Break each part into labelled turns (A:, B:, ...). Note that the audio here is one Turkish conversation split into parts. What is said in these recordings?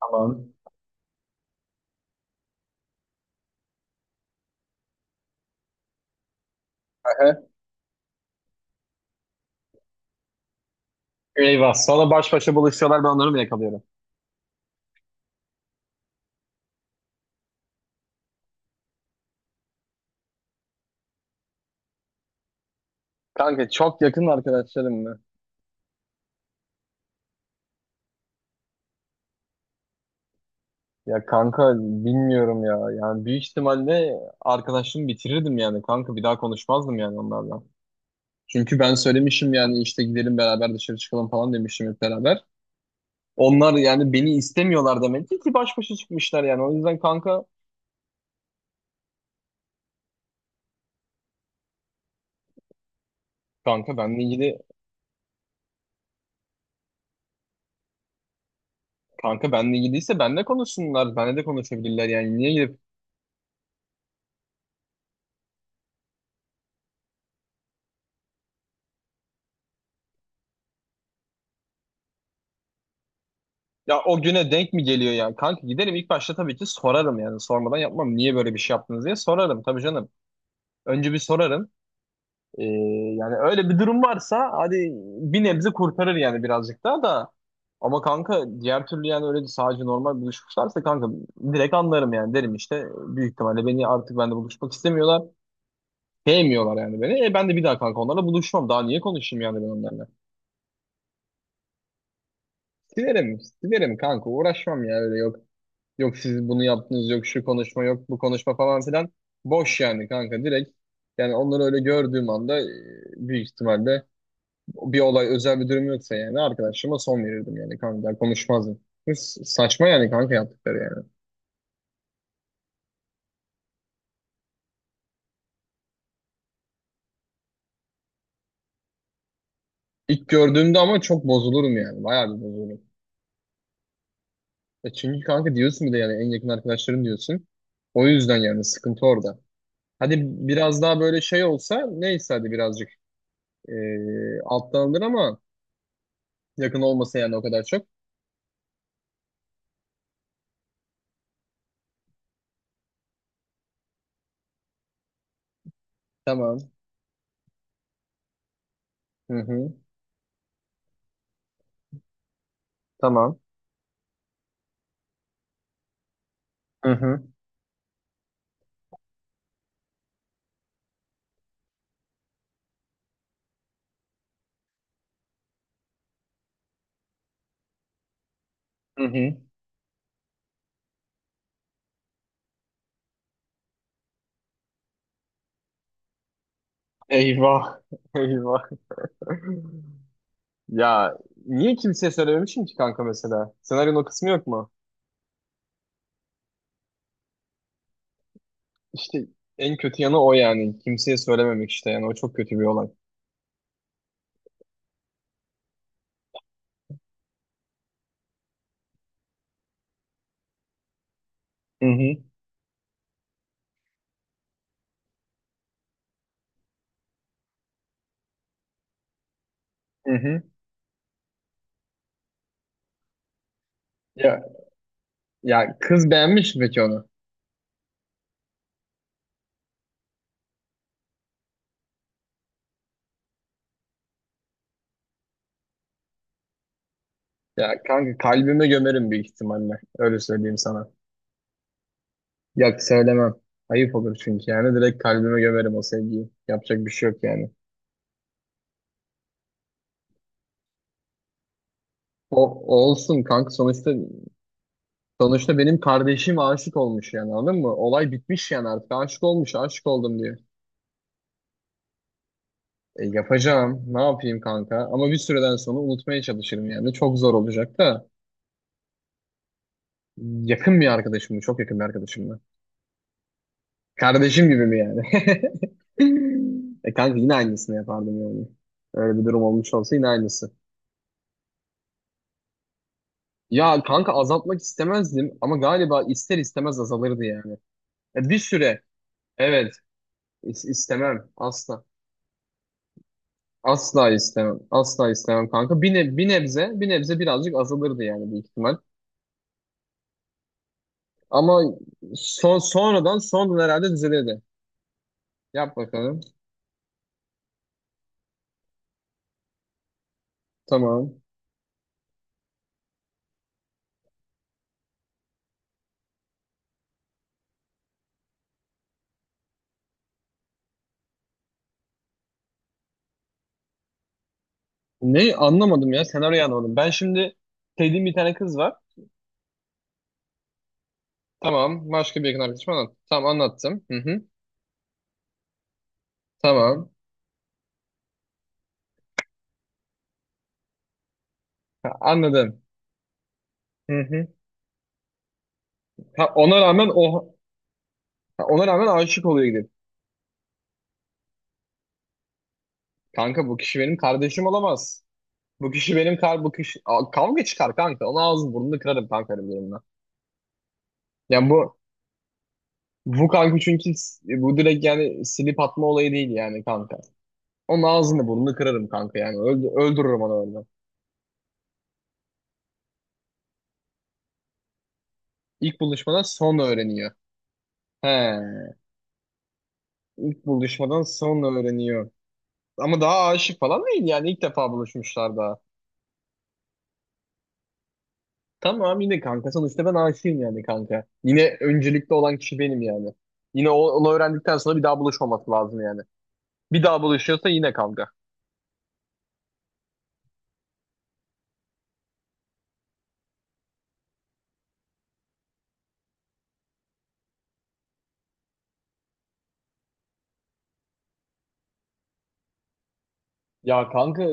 A: Tamam. Aha. Eyvah. Sonra baş başa buluşuyorlar, ben onları mı yakalıyorum? Kanka çok yakın arkadaşlarım mı? Ya kanka bilmiyorum ya. Yani büyük ihtimalle arkadaşlığımı bitirirdim yani. Kanka bir daha konuşmazdım yani onlarla. Çünkü ben söylemişim yani, işte gidelim beraber dışarı çıkalım falan demişim hep beraber. Onlar yani beni istemiyorlar demek ki baş başa çıkmışlar yani. O yüzden kanka, kanka benle ilgili, kanka benle ilgiliyse benle konuşsunlar. Benle de konuşabilirler yani. Niye gidip ya o güne denk mi geliyor yani? Kanka giderim ilk başta, tabii ki sorarım yani. Sormadan yapmam. Niye böyle bir şey yaptınız diye sorarım tabii canım. Önce bir sorarım. Ee, Yani öyle bir durum varsa hadi bir nebze kurtarır yani, birazcık daha da. Ama kanka diğer türlü yani, öyle sadece normal buluşmuşlarsa kanka direkt anlarım yani, derim işte büyük ihtimalle beni artık bende buluşmak istemiyorlar. Sevmiyorlar yani beni. E ben de bir daha kanka onlarla buluşmam. Daha niye konuşayım yani ben onlarla? Silerim, kanka, uğraşmam yani, öyle yok. Yok siz bunu yaptınız, yok şu konuşma, yok bu konuşma falan filan. Boş yani kanka, direkt. Yani onları öyle gördüğüm anda büyük ihtimalle bir olay, özel bir durum yoksa yani, arkadaşıma son verirdim yani kanka, konuşmazdım. Saçma yani kanka yaptıkları yani. İlk gördüğümde ama çok bozulurum yani, bayağı bir bozulurum. E çünkü kanka diyorsun, bir de yani en yakın arkadaşların diyorsun. O yüzden yani sıkıntı orada. Hadi biraz daha böyle şey olsa neyse, hadi birazcık alttan alınır ama, yakın olmasa yani o kadar çok. Tamam. Hı hı. Tamam. Hı hı. Hı hı. Eyvah. Eyvah. Ya niye kimseye söylememişim ki kanka mesela? Senaryonun o kısmı yok mu? İşte en kötü yanı o yani. Kimseye söylememek işte yani. O çok kötü bir olay. Hı hı. Hı hı. Ya, ya kız beğenmiş mi peki onu? Ya kanka kalbime gömerim büyük ihtimalle. Öyle söyleyeyim sana. Ya söylemem. Ayıp olur çünkü yani. Direkt kalbime gömerim o sevgiyi. Yapacak bir şey yok yani. O olsun kanka, sonuçta sonuçta benim kardeşim aşık olmuş yani, anladın mı? Olay bitmiş yani, artık aşık olmuş, aşık oldum diyor. E, yapacağım, ne yapayım kanka, ama bir süreden sonra unutmaya çalışırım yani, çok zor olacak da. Yakın bir arkadaşım mı? Çok yakın bir arkadaşım mı? Kardeşim gibi mi yani? E kanka yine aynısını yapardım yani. Öyle bir durum olmuş olsa yine aynısı. Ya kanka azaltmak istemezdim ama galiba ister istemez azalırdı yani. E, bir süre, evet, istemem asla. Asla istemem. Asla istemem kanka. Bir, bir nebze, bir nebze birazcık azalırdı yani büyük ihtimal. Ama sonradan, sonradan herhalde düzelirdi. Yap bakalım. Tamam. Ne, anlamadım ya. Senaryoyu anlamadım. Ben şimdi sevdiğim bir tane kız var. Tamam. Başka bir yakın arkadaşım anlat. Tamam, anlattım. Hı hı. Tamam. Ha, anladım. Hı hı. Ha, ona rağmen o ha, ona rağmen aşık oluyor gidip. Kanka bu kişi benim kardeşim olamaz. Bu kişi benim kar bu kişi Aa, kavga çıkar kanka. Ona ağzını burnunu kırarım kanka öyle bir durumda. Yani bu bu kanka çünkü bu direkt yani silip atma olayı değil yani kanka. Onun ağzını burnunu kırarım kanka yani. Öldürürüm onu orada. İlk buluşmadan sonra öğreniyor. He, ilk buluşmadan sonra öğreniyor. Ama daha aşık falan değil yani, ilk defa buluşmuşlar daha. Tamam, yine kanka sonuçta ben aşığım yani kanka. Yine öncelikli olan kişi benim yani. Yine onu öğrendikten sonra bir daha buluşmaması lazım yani. Bir daha buluşuyorsa yine kanka. Ya kanka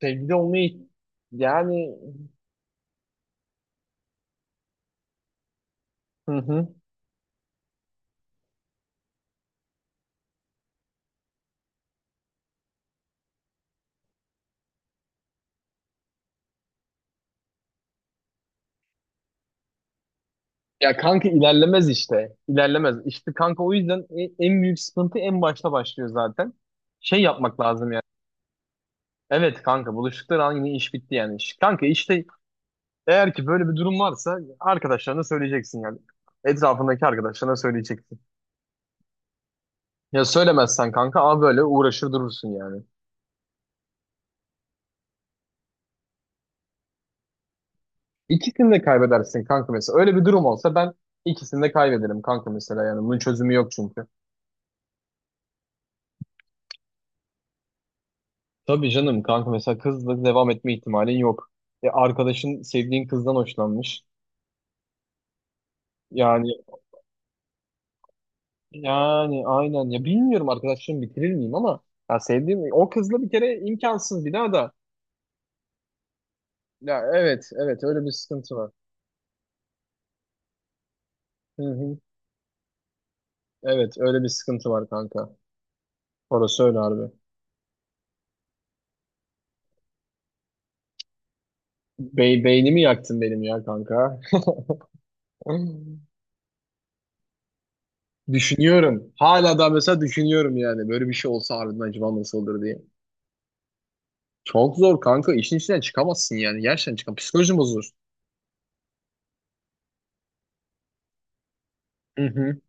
A: sevgili olmayı yani. Hı hı. Ya kanka ilerlemez işte. İlerlemez. İşte kanka o yüzden en büyük sıkıntı en başta başlıyor zaten. Şey yapmak lazım yani. Evet kanka, buluştukları an yine iş bitti yani. Kanka işte, eğer ki böyle bir durum varsa arkadaşlarına söyleyeceksin yani. Etrafındaki arkadaşlarına söyleyeceksin. Ya söylemezsen kanka a böyle uğraşır durursun yani. İkisini de kaybedersin kanka mesela. Öyle bir durum olsa ben ikisini de kaybederim kanka mesela yani. Bunun çözümü yok çünkü. Tabii canım kanka, mesela kızla devam etme ihtimalin yok. E, arkadaşın sevdiğin kızdan hoşlanmış. Yani yani aynen ya, bilmiyorum arkadaşlığımı bitirir miyim ama ya sevdiğim o kızla bir kere imkansız bir daha da. Ya evet evet öyle bir sıkıntı var. Hı hı. Evet öyle bir sıkıntı var kanka. Orası öyle harbi. Beynimi yaktın benim ya kanka. Düşünüyorum. Hala da mesela düşünüyorum yani. Böyle bir şey olsa harbiden acaba nasıl olur diye. Çok zor kanka. İşin içinden çıkamazsın yani. Gerçekten çıkam. Psikolojin bozulur. Hı hı.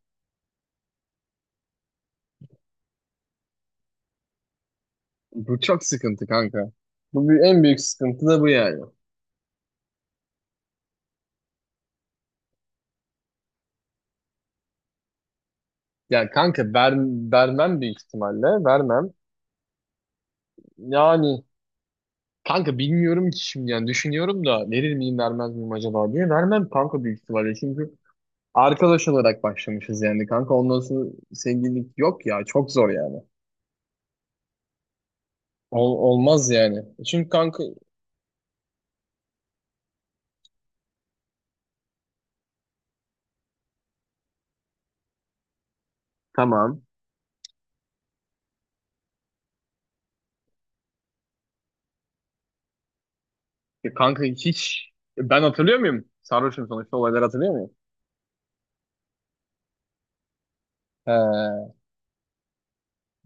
A: Bu çok sıkıntı kanka. En büyük sıkıntı da bu yani. Yani kanka vermem büyük ihtimalle. Vermem. Yani kanka bilmiyorum ki şimdi, yani düşünüyorum da verir miyim vermez miyim acaba diye. Vermem kanka büyük ihtimalle. Çünkü arkadaş olarak başlamışız yani kanka. Ondan sonra sevgililik yok ya. Çok zor yani. Olmaz yani. Çünkü kanka, tamam. Ya kanka hiç ben hatırlıyor muyum? Sarhoşum sonuçta, olayları hatırlıyor muyum? He.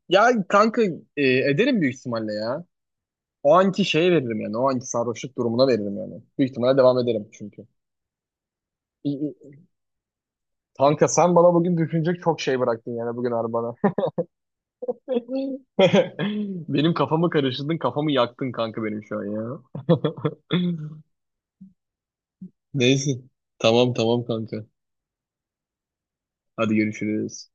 A: Ya kanka e, ederim büyük ihtimalle ya. O anki şeye veririm yani. O anki sarhoşluk durumuna veririm yani. Büyük ihtimalle devam ederim çünkü. İ- i- Kanka sen bana bugün düşünecek çok şey bıraktın yani bugün arabana. Benim kafamı karıştırdın, kafamı yaktın kanka benim şu an ya. Neyse. Tamam tamam kanka. Hadi görüşürüz.